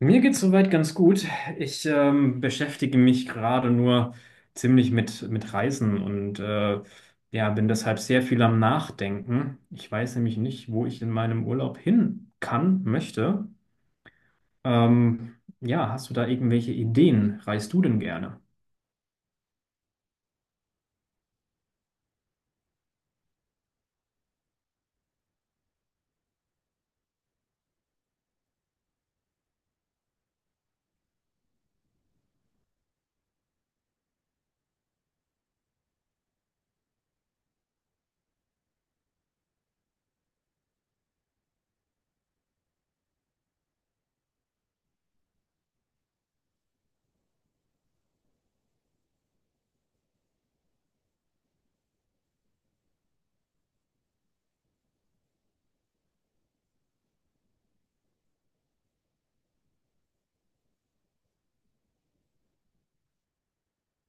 Mir geht's soweit ganz gut. Ich beschäftige mich gerade nur ziemlich mit Reisen und ja, bin deshalb sehr viel am Nachdenken. Ich weiß nämlich nicht, wo ich in meinem Urlaub hin kann, möchte. Ja, hast du da irgendwelche Ideen? Reist du denn gerne?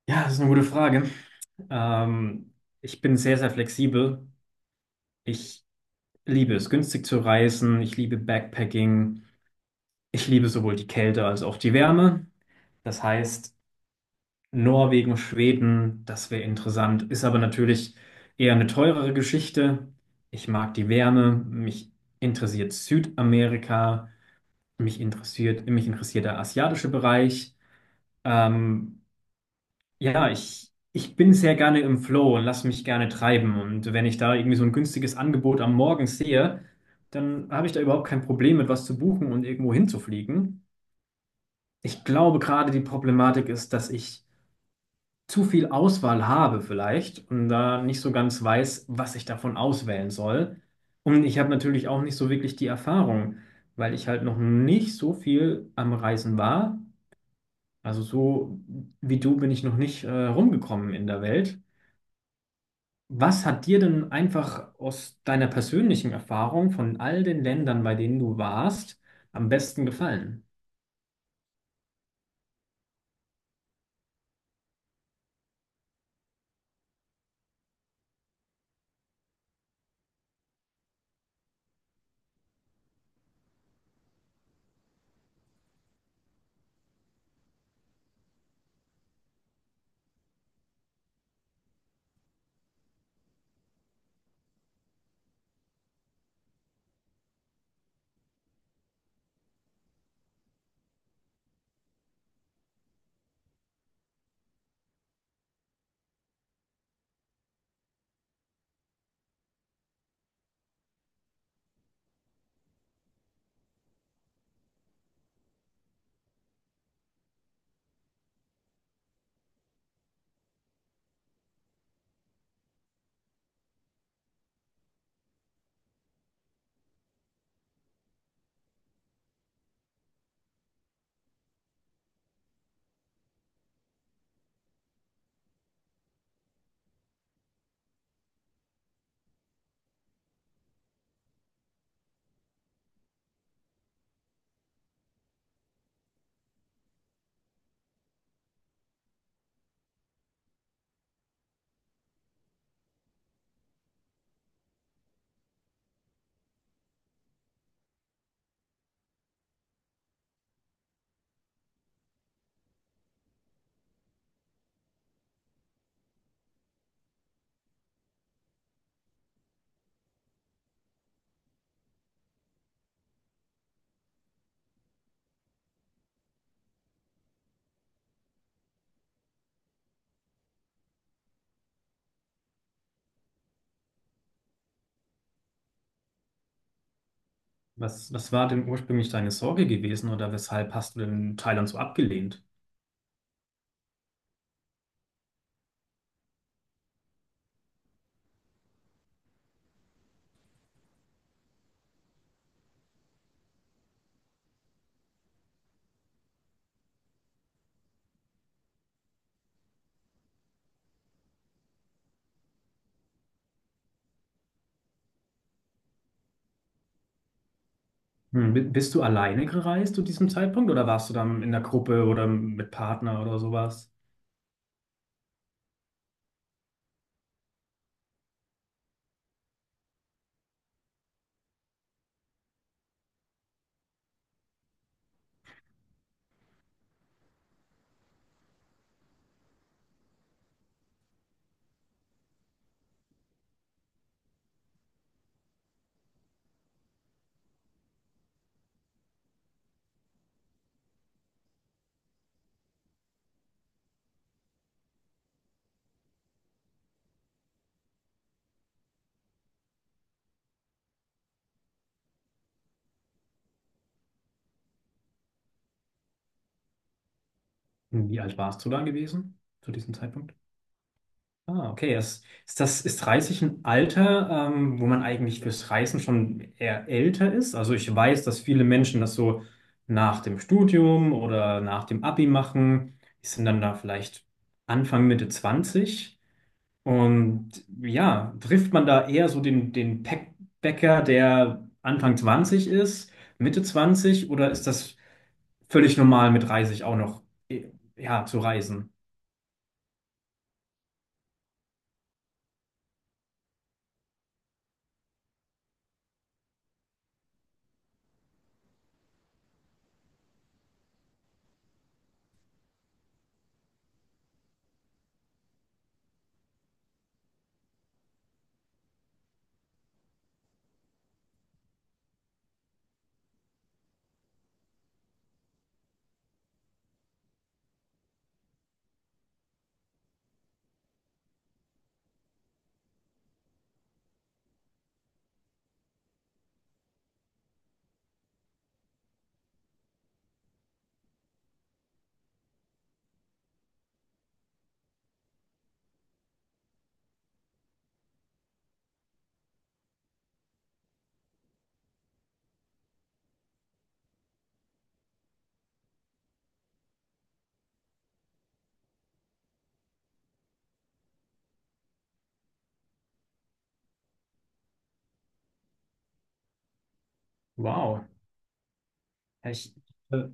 Ja, das ist eine gute Frage. Ähm, ich bin sehr, sehr flexibel. Ich liebe es, günstig zu reisen. Ich liebe Backpacking. Ich liebe sowohl die Kälte als auch die Wärme. Das heißt, Norwegen, Schweden, das wäre interessant. Ist aber natürlich eher eine teurere Geschichte. Ich mag die Wärme, mich interessiert Südamerika, mich interessiert der asiatische Bereich. Ähm, ja, ich bin sehr gerne im Flow und lasse mich gerne treiben. Und wenn ich da irgendwie so ein günstiges Angebot am Morgen sehe, dann habe ich da überhaupt kein Problem mit was zu buchen und irgendwo hinzufliegen. Ich glaube, gerade die Problematik ist, dass ich zu viel Auswahl habe vielleicht und da nicht so ganz weiß, was ich davon auswählen soll. Und ich habe natürlich auch nicht so wirklich die Erfahrung, weil ich halt noch nicht so viel am Reisen war. Also so wie du bin ich noch nicht rumgekommen in der Welt. Was hat dir denn einfach aus deiner persönlichen Erfahrung von all den Ländern, bei denen du warst, am besten gefallen? Was war denn ursprünglich deine Sorge gewesen oder weshalb hast du denn Thailand so abgelehnt? Bist du alleine gereist zu diesem Zeitpunkt oder warst du dann in der Gruppe oder mit Partner oder sowas? Hm, wie alt warst du da gewesen zu diesem Zeitpunkt? Ah, okay. Ist Reisen ein Alter, wo man eigentlich fürs Reisen schon eher älter ist? Also ich weiß, dass viele Menschen das so nach dem Studium oder nach dem Abi machen. Die sind dann da vielleicht Anfang, Mitte 20. Und ja, trifft man da eher so den Packbäcker, der Anfang 20 ist, Mitte 20, oder ist das völlig normal mit 30 auch noch, eh, ja, zu reisen? Wow. Ja, äh,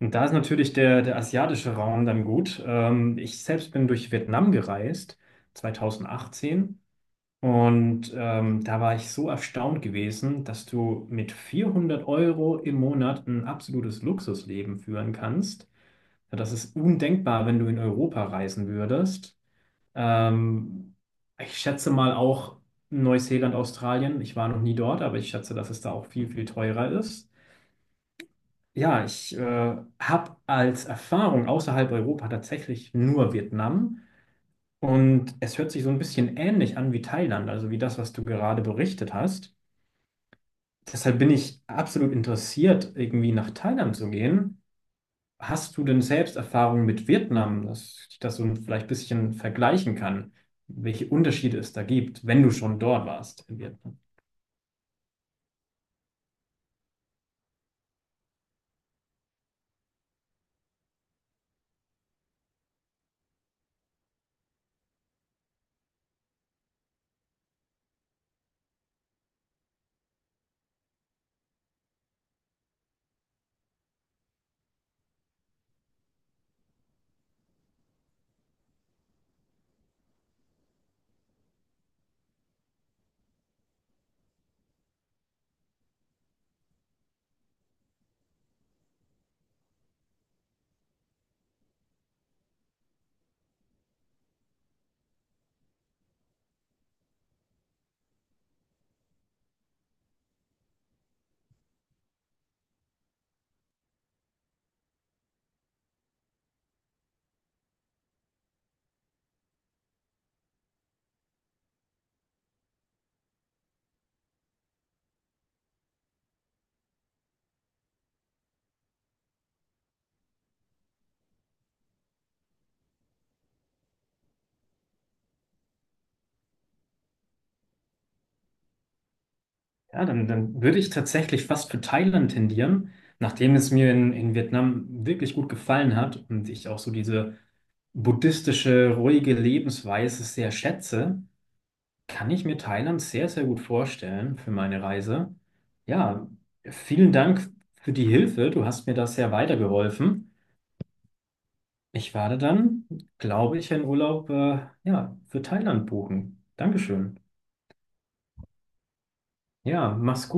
und da ist natürlich der asiatische Raum dann gut. Ich selbst bin durch Vietnam gereist, 2018. Und da war ich so erstaunt gewesen, dass du mit 400 € im Monat ein absolutes Luxusleben führen kannst. Ja, das ist undenkbar, wenn du in Europa reisen würdest. Ähm, ich schätze mal auch Neuseeland, Australien. Ich war noch nie dort, aber ich schätze, dass es da auch viel, viel teurer ist. Ja, ich habe als Erfahrung außerhalb Europa tatsächlich nur Vietnam. Und es hört sich so ein bisschen ähnlich an wie Thailand, also wie das, was du gerade berichtet hast. Deshalb bin ich absolut interessiert, irgendwie nach Thailand zu gehen. Hast du denn selbst Erfahrungen mit Vietnam, dass ich das so ein- vielleicht ein bisschen vergleichen kann, welche Unterschiede es da gibt, wenn du schon dort warst in Vietnam? Ja, dann würde ich tatsächlich fast für Thailand tendieren, nachdem es mir in Vietnam wirklich gut gefallen hat und ich auch so diese buddhistische, ruhige Lebensweise sehr schätze, kann ich mir Thailand sehr, sehr gut vorstellen für meine Reise. Ja, vielen Dank für die Hilfe. Du hast mir da sehr weitergeholfen. Ich werde dann, glaube ich, einen Urlaub, ja, für Thailand buchen. Dankeschön. Ja, mach's gut.